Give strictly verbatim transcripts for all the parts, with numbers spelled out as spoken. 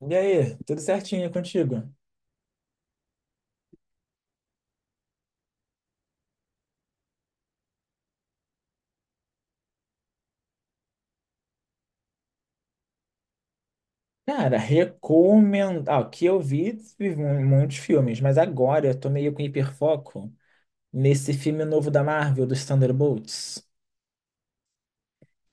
E aí, tudo certinho contigo? Cara, recomendo. Ah, o que eu vi, vi mu- muitos filmes, mas agora eu tô meio com hiperfoco nesse filme novo da Marvel, dos Thunderbolts.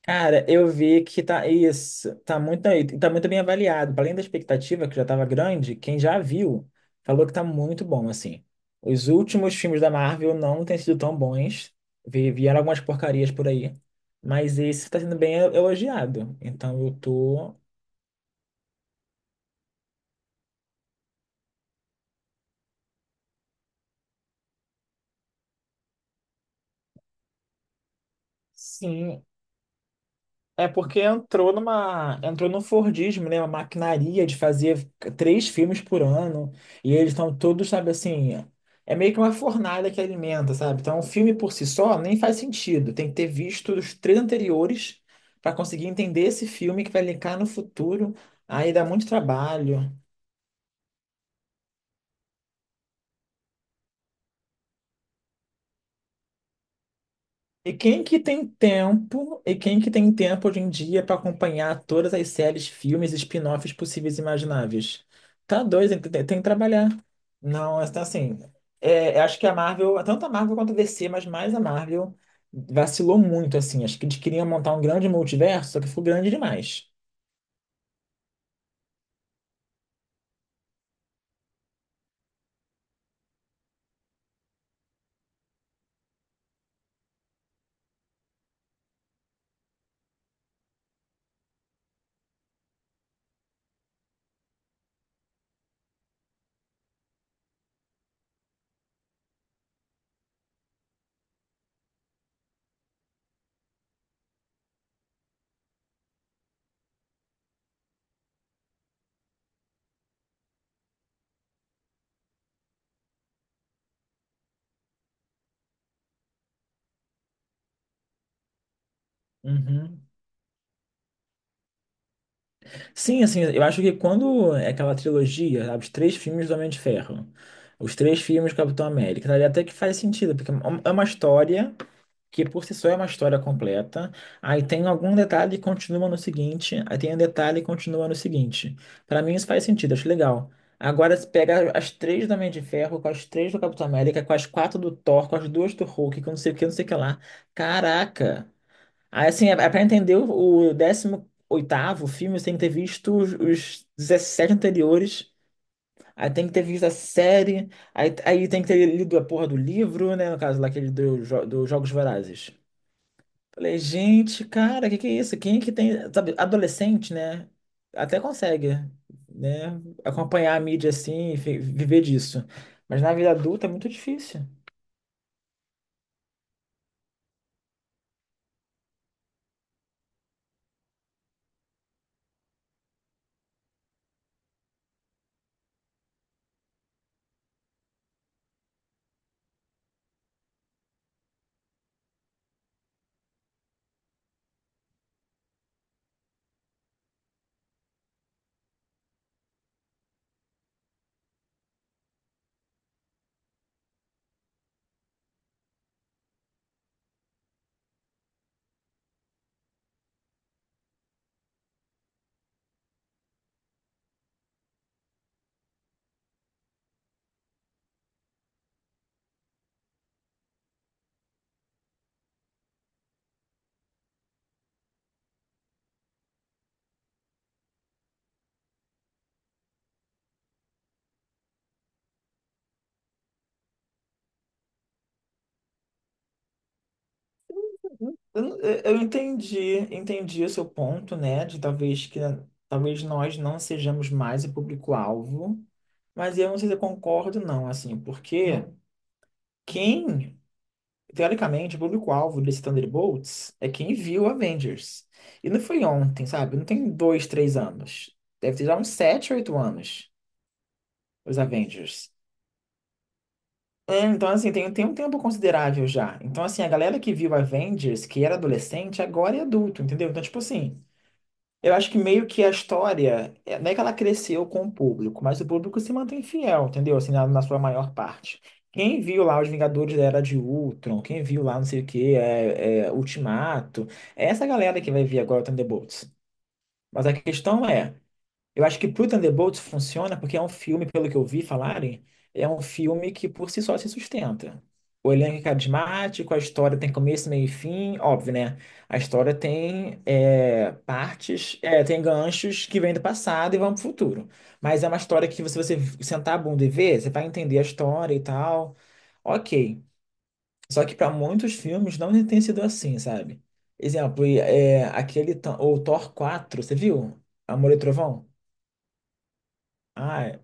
Cara, eu vi que tá isso, tá muito, tá muito bem avaliado. Além da expectativa, que já estava grande, quem já viu falou que tá muito bom, assim. Os últimos filmes da Marvel não têm sido tão bons. Vi- Vieram algumas porcarias por aí. Mas esse tá sendo bem elogiado. Então eu tô. Sim, é porque entrou numa, entrou no Fordismo, né? Uma maquinaria de fazer três filmes por ano. E eles estão todos, sabe, assim. É meio que uma fornalha que alimenta, sabe? Então, um filme por si só nem faz sentido. Tem que ter visto os três anteriores para conseguir entender esse filme que vai linkar no futuro. Aí dá muito trabalho. E quem que tem tempo, e quem que tem tempo hoje em dia para acompanhar todas as séries, filmes, spin-offs possíveis e imagináveis? Tá doido, tem, tem- tem que trabalhar. Não, é, tá assim, é, eu acho que a Marvel, tanto a Marvel quanto a D C, mas mais a Marvel, vacilou muito, assim. Acho que eles queriam montar um grande multiverso, só que foi grande demais. Uhum. Sim, assim, eu acho que quando é aquela trilogia, sabe, os três filmes do Homem de Ferro, os três filmes do Capitão América, sabe, até que faz sentido, porque é uma é uma história que por si só é uma história completa. Aí tem algum detalhe e continua no seguinte, aí tem um detalhe e continua no seguinte. Pra mim isso faz sentido, acho legal. Agora se pega as três do Homem de Ferro, com as três do Capitão América, com as quatro do Thor, com as duas do Hulk, com não sei o que, não sei o que lá. Caraca! Aí assim, é é pra entender o o décimo oitavo filme, você tem que ter visto os, os dezessete anteriores. Aí tem que ter visto a série, aí, aí tem que ter lido a porra do livro, né? No caso lá, aquele do jo- dos Jogos Vorazes. Falei, gente, cara, o que que é isso? Quem é que tem, sabe, adolescente, né? Até consegue, né? Acompanhar a mídia assim, e fi- viver disso. Mas na vida adulta é muito difícil. Eu, não- eu eu entendi, entendi o seu ponto, né? De talvez que talvez nós não sejamos mais o público-alvo, mas eu não sei se eu concordo, não, assim, porque quem teoricamente, o público-alvo desse Thunderbolts é quem viu Avengers. E não foi ontem, sabe? Não tem dois, três anos. Deve ter já uns sete, oito anos, os Avengers. É, então, assim, tem, tem um tempo considerável já. Então, assim, a galera que viu Avengers, que era adolescente, agora é adulto, entendeu? Então, tipo assim, eu acho que meio que a história, é- não é que ela cresceu com o público, mas o público se mantém fiel, entendeu? Assim, na, na sua maior parte. Quem viu lá Os Vingadores da Era de Ultron, quem viu lá não sei o que, é, é, Ultimato, é essa galera que vai vir agora o Thunderbolts. Mas a questão é, eu acho que pro Thunderbolts funciona porque é um filme, pelo que eu vi falarem, é um filme que por si só se sustenta. O elenco é carismático, a história tem começo, meio e fim, óbvio, né? A história tem é, partes, é, tem ganchos que vêm do passado e vão pro futuro. Mas é uma história que, se você sentar a bunda e ver, você vai entender a história e tal. Ok. Só que para muitos filmes não tem sido assim, sabe? Exemplo, e, é, aquele, Thor- o Thor quatro, você viu? Amor e Trovão? Ah,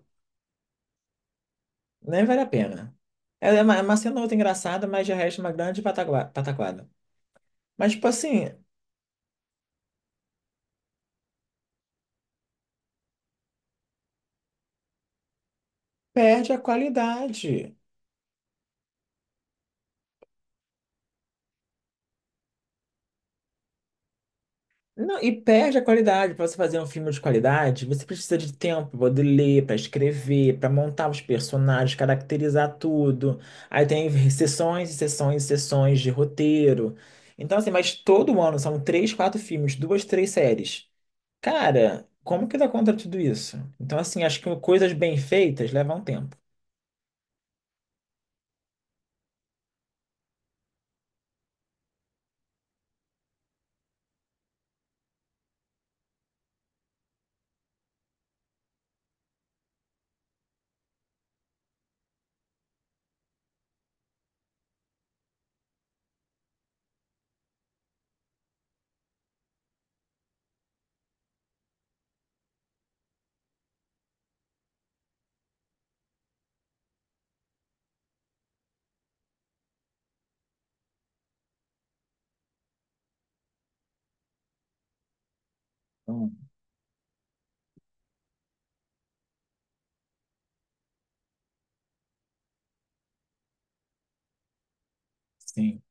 nem vale a pena. Ela é uma, é uma cena outra engraçada, mas de resto é uma grande patagua- pataquada. Mas, tipo assim, perde a qualidade. Não, e perde a qualidade. Para você fazer um filme de qualidade, você precisa de tempo para poder ler, para escrever, para montar os personagens, caracterizar tudo. Aí tem sessões e sessões e sessões de roteiro. Então, assim, mas todo ano são três, quatro filmes, duas, três séries. Cara, como que dá conta de tudo isso? Então, assim, acho que coisas bem feitas levam tempo. Sim.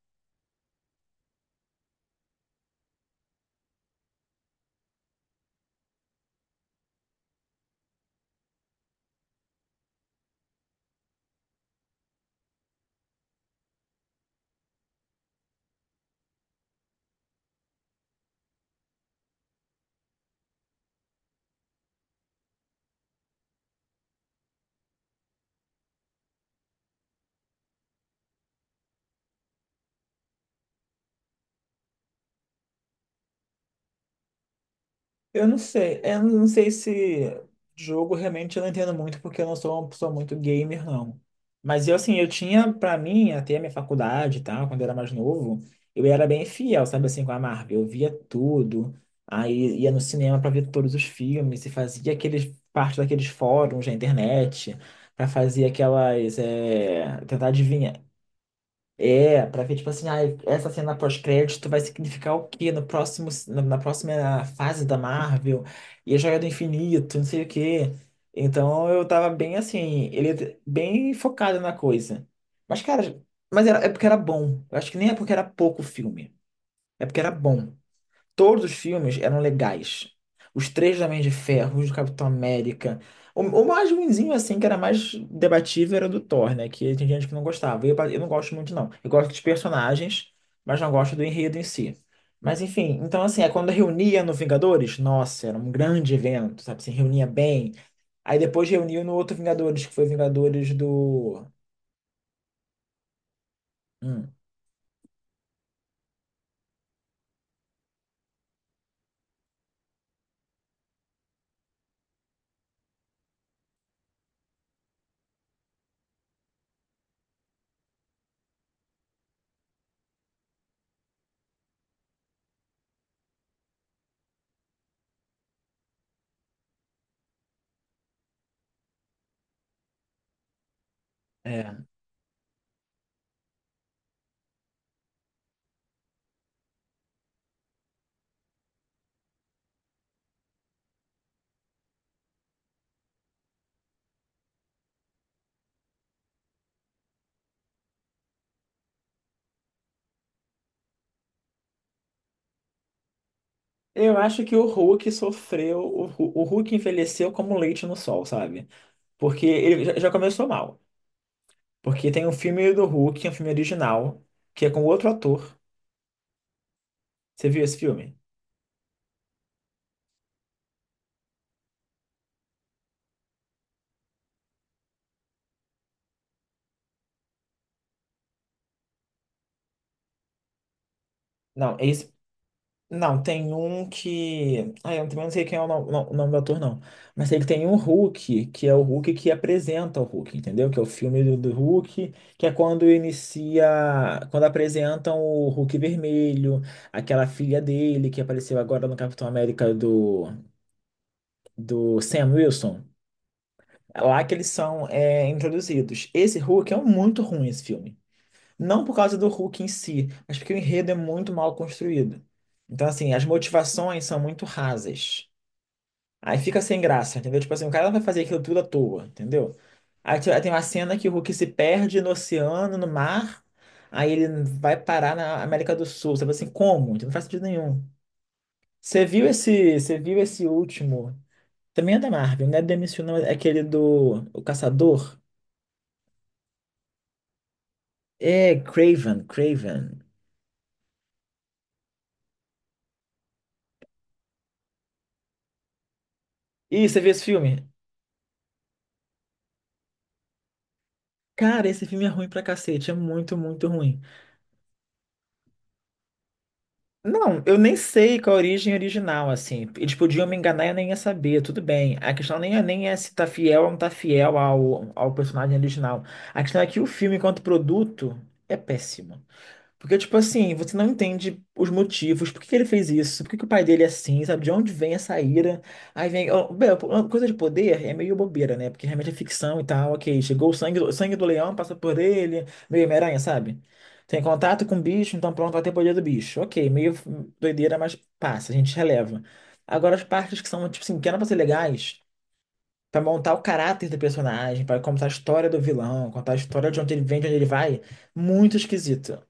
Eu não sei, eu não sei se jogo realmente eu não entendo muito, porque eu não sou uma pessoa muito gamer, não. Mas eu, assim, eu tinha, pra mim, até a minha faculdade e tal, quando eu era mais novo, eu era bem fiel, sabe, assim, com a Marvel. Eu via tudo, aí ia no cinema pra ver todos os filmes, e fazia aqueles, parte daqueles fóruns da internet, pra fazer aquelas, é, tentar adivinhar. É, pra ver, tipo assim, ah, essa cena pós-crédito vai significar o quê no próximo, na na próxima fase da Marvel? E a Joia do Infinito, não sei o quê. Então eu tava bem assim, ele bem focado na coisa. Mas, cara, mas era, é porque era bom. Eu acho que nem é porque era pouco filme. É porque era bom. Todos os filmes eram legais. Os três do Homem de Ferro, os do Capitão América. O, o mais ruinzinho, assim, que era mais debatível, era o do Thor, né? Que tem gente que não gostava. Eu, eu não gosto muito, não. Eu gosto dos personagens, mas não gosto do enredo em si. Mas, enfim, então, assim, é quando reunia no Vingadores, nossa, era um grande evento, sabe? Se reunia bem. Aí depois reuniu no outro Vingadores, que foi Vingadores do. Hum, é. Eu acho que o Hulk sofreu. O, Hu- o Hulk envelheceu como leite no sol, sabe? Porque ele já já começou mal. Porque tem um filme do Hulk, um filme original, que é com outro ator. Você viu esse filme? Não, é esse. Não, tem um que. Ah, eu também não sei quem é o nome, o nome do ator, não. Mas sei que tem um Hulk, que é o Hulk que apresenta o Hulk, entendeu? Que é o filme do, do Hulk, que é quando inicia. Quando apresentam o Hulk vermelho, aquela filha dele que apareceu agora no Capitão América do, do Sam Wilson. É lá que eles são é, introduzidos. Esse Hulk é muito ruim, esse filme. Não por causa do Hulk em si, mas porque o enredo é muito mal construído. Então, assim, as motivações são muito rasas. Aí fica sem graça, entendeu? Tipo assim, o cara vai fazer aquilo tudo à toa, entendeu? Aí te- aí tem uma cena que o Hulk se perde no oceano, no mar, aí ele vai parar na América do Sul. Você fala assim, como? Não faz sentido nenhum. Você viu esse, você viu esse último? Também é da Marvel, não é do M C U, não, é aquele do o Caçador? É, Craven, Craven. Ih, você viu esse filme? Cara, esse filme é ruim pra cacete, é muito, muito ruim. Não, eu nem sei qual a origem original, assim. Eles podiam me enganar e eu nem ia saber, tudo bem. A questão nem é, nem é se tá fiel ou não tá fiel ao, ao personagem original. A questão é que o filme, enquanto produto, é péssimo. Porque, tipo assim, você não entende os motivos, por que que ele fez isso, por que que o pai dele é assim, sabe? De onde vem essa ira? Aí vem. Ó, bem, uma coisa de poder é meio bobeira, né? Porque realmente é ficção e tal, ok. Chegou o sangue, do- sangue do leão, passa por ele, meio Homem-Aranha, sabe? Tem contato com o bicho, então pronto, vai ter poder do bicho. Ok, meio doideira, mas passa, a gente releva. Agora, as partes que são, tipo assim, que eram pra ser legais, pra montar o caráter do personagem, pra contar a história do vilão, contar a história de onde ele vem, de onde ele vai, muito esquisito.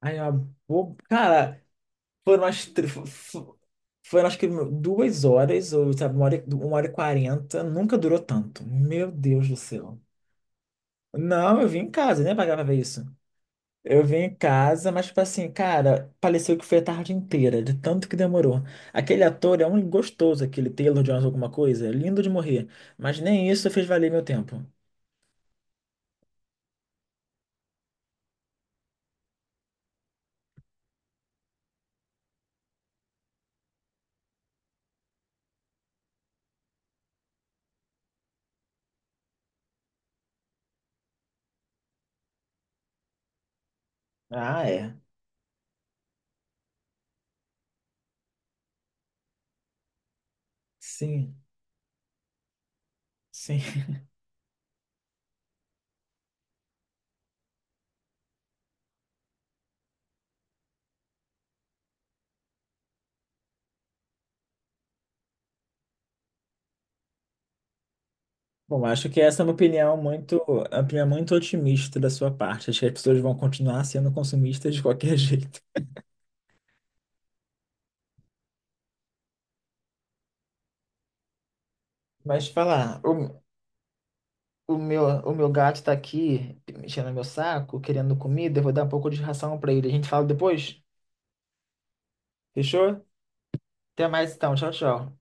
Ai, a bo... Cara, foram as... tr- fo- fo- Foram acho que duas horas, ou sabe, uma hora, uma hora e quarenta. Nunca durou tanto. Meu Deus do céu. Não, eu vim em casa, né? Pagar pra ver isso. Eu vim em casa, mas, tipo assim, cara, pareceu que foi a tarde inteira, de tanto que demorou. Aquele ator é um gostoso, aquele Taylor Jones, alguma coisa, é lindo de morrer. Mas nem isso fez valer meu tempo. Ah, é. Sim, sim. Bom, acho que essa é uma opinião muito, uma opinião muito otimista da sua parte. Acho que as pessoas vão continuar sendo consumistas de qualquer jeito. Mas falar, o, o meu, o meu gato tá aqui mexendo no meu saco, querendo comida, eu vou dar um pouco de ração pra ele. A gente fala depois? Fechou? Até mais então, tchau, tchau.